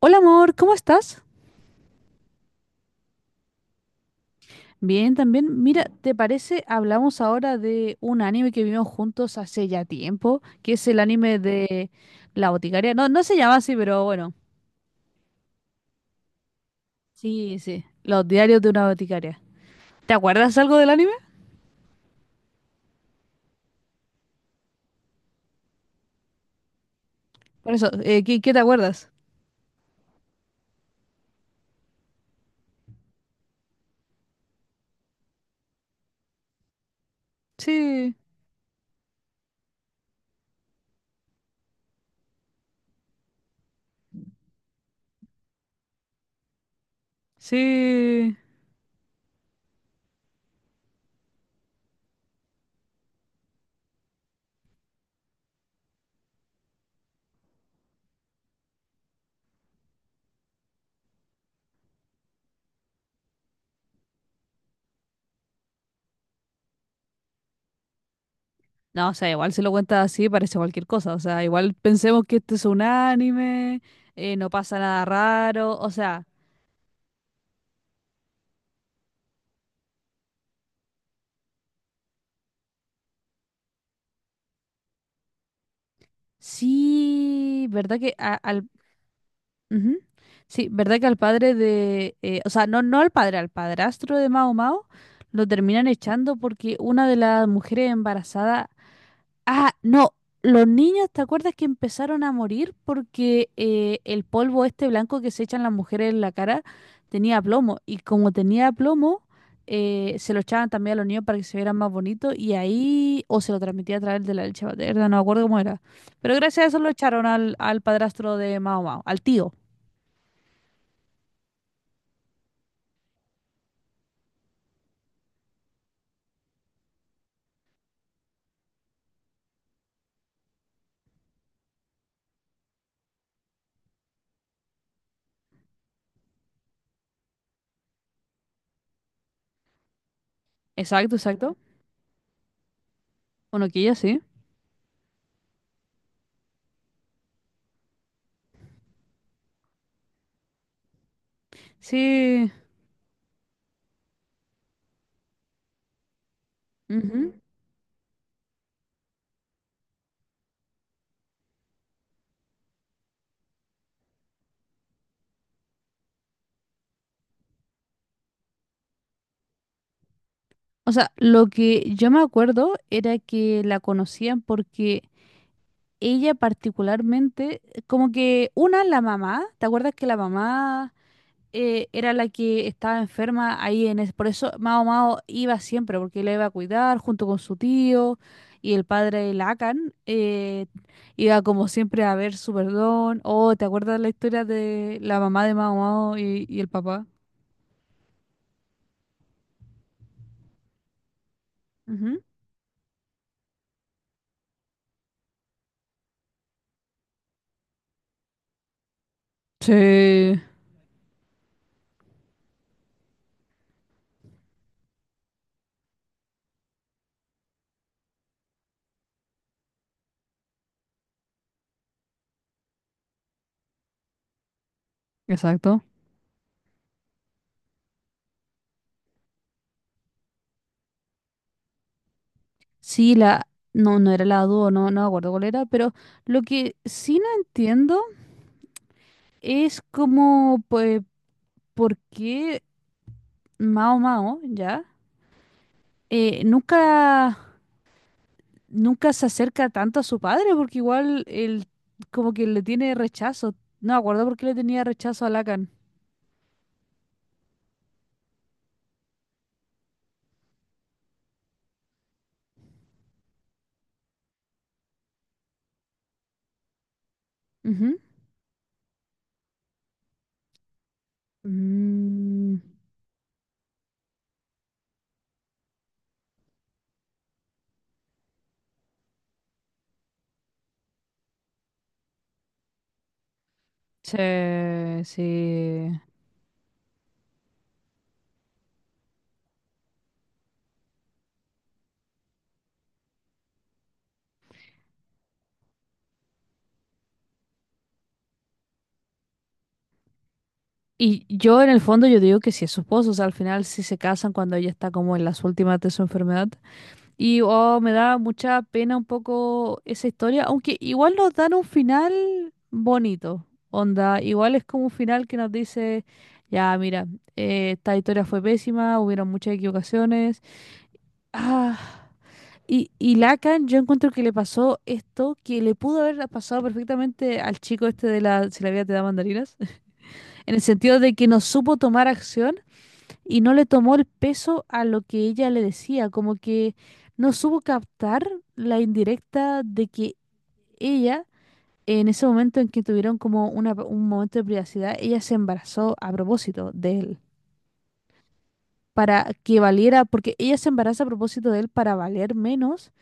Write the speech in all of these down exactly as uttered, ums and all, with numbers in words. Hola amor, ¿cómo estás? Bien, también. Mira, ¿te parece? Hablamos ahora de un anime que vimos juntos hace ya tiempo, que es el anime de La Boticaria. No, no se llama así, pero bueno. Sí, sí. Los diarios de una boticaria. ¿Te acuerdas algo del anime? Por eso, eh, ¿qué, qué te acuerdas? Sí, sí. No, o sea, igual se lo cuentas así, parece cualquier cosa. O sea, igual pensemos que este es un anime, eh, no pasa nada raro. O sea, sí, ¿verdad que a- al ujú? Sí, ¿verdad que al padre de, eh, o sea, no, no al padre, al padrastro de Mao Mao, lo terminan echando porque una de las mujeres embarazadas, ah, no, los niños, ¿te acuerdas que empezaron a morir porque eh, el polvo este blanco que se echan las mujeres en la cara tenía plomo? Y como tenía plomo, eh, se lo echaban también a los niños para que se vieran más bonitos y ahí, o se lo transmitía a través de la leche materna, no me acuerdo cómo era. Pero gracias a eso lo echaron al, al padrastro de Mao Mao, al tío. Exacto, exacto. Onoquilla, sí. Sí. Ujú. O sea, lo que yo me acuerdo era que la conocían porque ella particularmente, como que una, la mamá, ¿te acuerdas que la mamá eh, era la que estaba enferma ahí en ese, por eso Mao Mao iba siempre, porque la iba a cuidar junto con su tío y el padre Lacan eh, iba como siempre a ver su perdón? Oh, ¿te acuerdas la historia de la mamá de Mao Mao y, y el papá? Sí, exacto. Sí, la... No, no era la dúo, no, no me acuerdo cuál era, pero lo que sí no entiendo es como, pues, por qué Mao Mao, ¿ya? Eh, nunca, nunca se acerca tanto a su padre, porque igual él como que le tiene rechazo. No me acuerdo por qué le tenía rechazo a Lacan. Ujú. Mm, sí, sí. Y yo en el fondo yo digo que sí es su esposo, o sea, al final sí se casan cuando ella está como en las últimas de su enfermedad. Y oh, me da mucha pena un poco esa historia, aunque igual nos dan un final bonito, onda, igual es como un final que nos dice, ya, mira, eh, esta historia fue pésima, hubieron muchas equivocaciones. Ah, y, y Lacan, yo encuentro que le pasó esto, que le pudo haber pasado perfectamente al chico este de la, si la vida te da mandarinas, en el sentido de que no supo tomar acción y no le tomó el peso a lo que ella le decía, como que no supo captar la indirecta de que ella, en ese momento en que tuvieron como una- un momento de privacidad, ella se embarazó a propósito de él, para que valiera, porque ella se embaraza a propósito de él para valer menos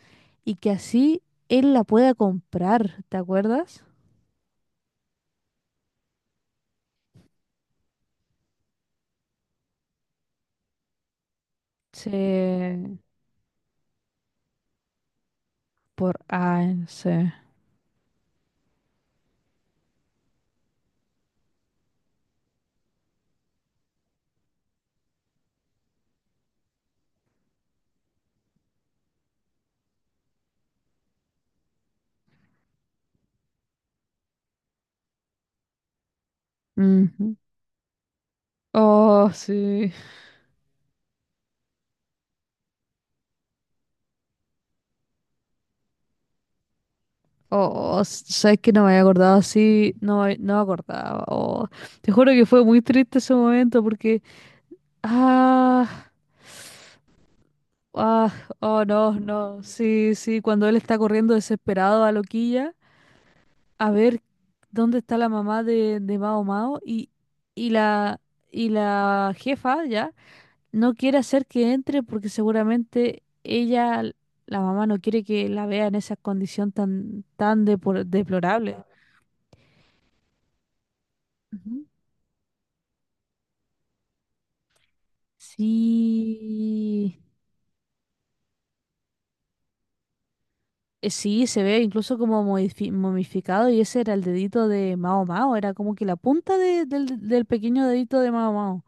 y que así él la pueda comprar, ¿te acuerdas? Sí, por A N C. Ujú. Oh, sí. Oh, s- sabes que no me había acordado así, no, me- no me acordaba. Oh, te juro que fue muy triste ese momento porque, ah, ah, oh no, no, sí, sí, cuando él está corriendo desesperado a Loquilla a ver dónde está la mamá de, de Mao Mao y, y la, y la jefa ya no quiere hacer que entre porque seguramente ella, la mamá, no quiere que la vea en esa condición tan, tan depor- deplorable. Ujú. Sí, eh, sí, se ve incluso como modifi- momificado y ese era el dedito de Mao Mao, era como que la punta de- del, del pequeño dedito de Mao Mao.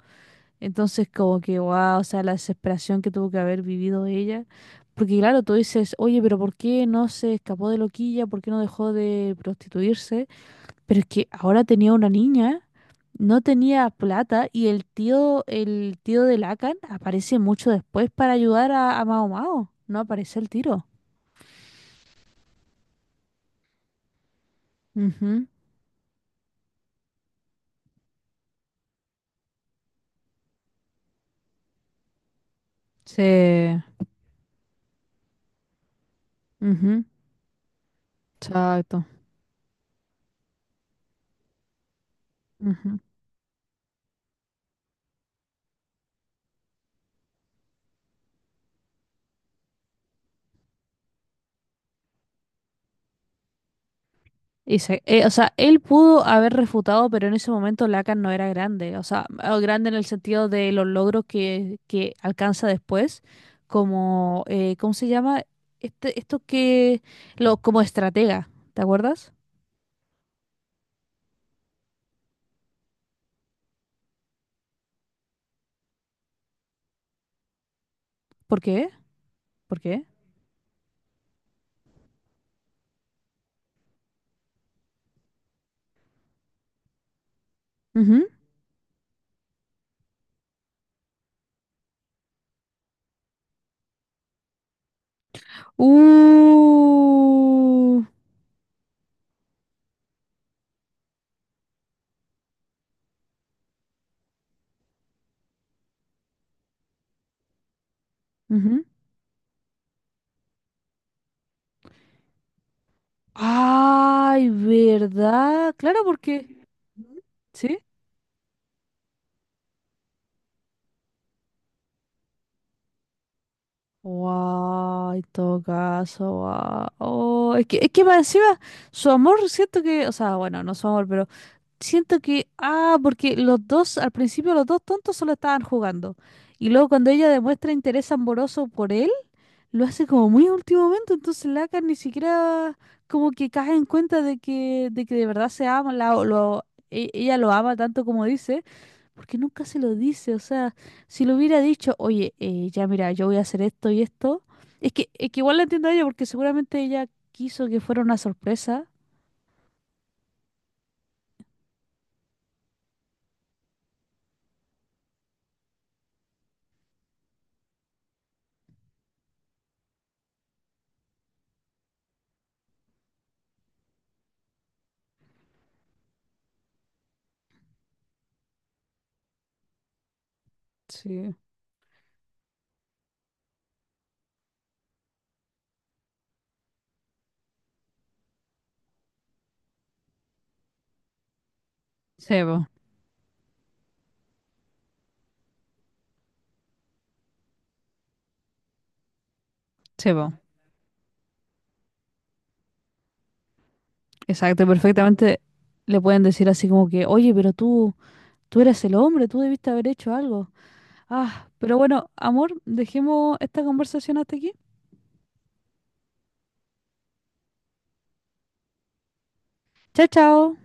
Entonces como que, wow, o sea, la desesperación que tuvo que haber vivido ella. Porque claro, tú dices, oye, pero ¿por qué no se escapó de loquilla? ¿Por qué no dejó de prostituirse? Pero es que ahora tenía una niña, no tenía plata y el tío, el tío de Lacan aparece mucho después para ayudar a, a Mao Mao. No aparece el tiro. Ujú, Se... ujú, exacto. Ujú. Y se- eh, o sea, él pudo haber refutado, pero en ese momento Lacan no era grande. O sea, ah, grande en el sentido de los logros que, que alcanza después, como, eh, ¿cómo se llama? Este, esto que, lo, como estratega, ¿te acuerdas? ¿Por qué? ¿Por qué? Ujú. Uh, ujú. Ay, ¿verdad? Claro, porque... Ujú. Wow, en todo caso, wow. Oh, es que, es que más encima, su amor, siento que, o sea, bueno, no su amor, pero siento que, ah, porque los dos, al principio los dos tontos solo estaban jugando. Y luego cuando ella demuestra interés amoroso por él, lo hace como muy a último momento, entonces Lacan ni siquiera como que cae en cuenta de que, de que de verdad se ama, la- lo, e- ella lo ama tanto como dice. Porque nunca se lo dice, o sea, si lo hubiera dicho, oye, eh, ya mira, yo voy a hacer esto y esto, es que, es que igual la entiendo a ella porque seguramente ella quiso que fuera una sorpresa. Sí. Sebo, sebo. Exacto, perfectamente le pueden decir así como que, oye, pero tú, tú eres el hombre, tú debiste haber hecho algo. Ah, pero bueno, amor, dejemos esta conversación hasta aquí. Chao, chao.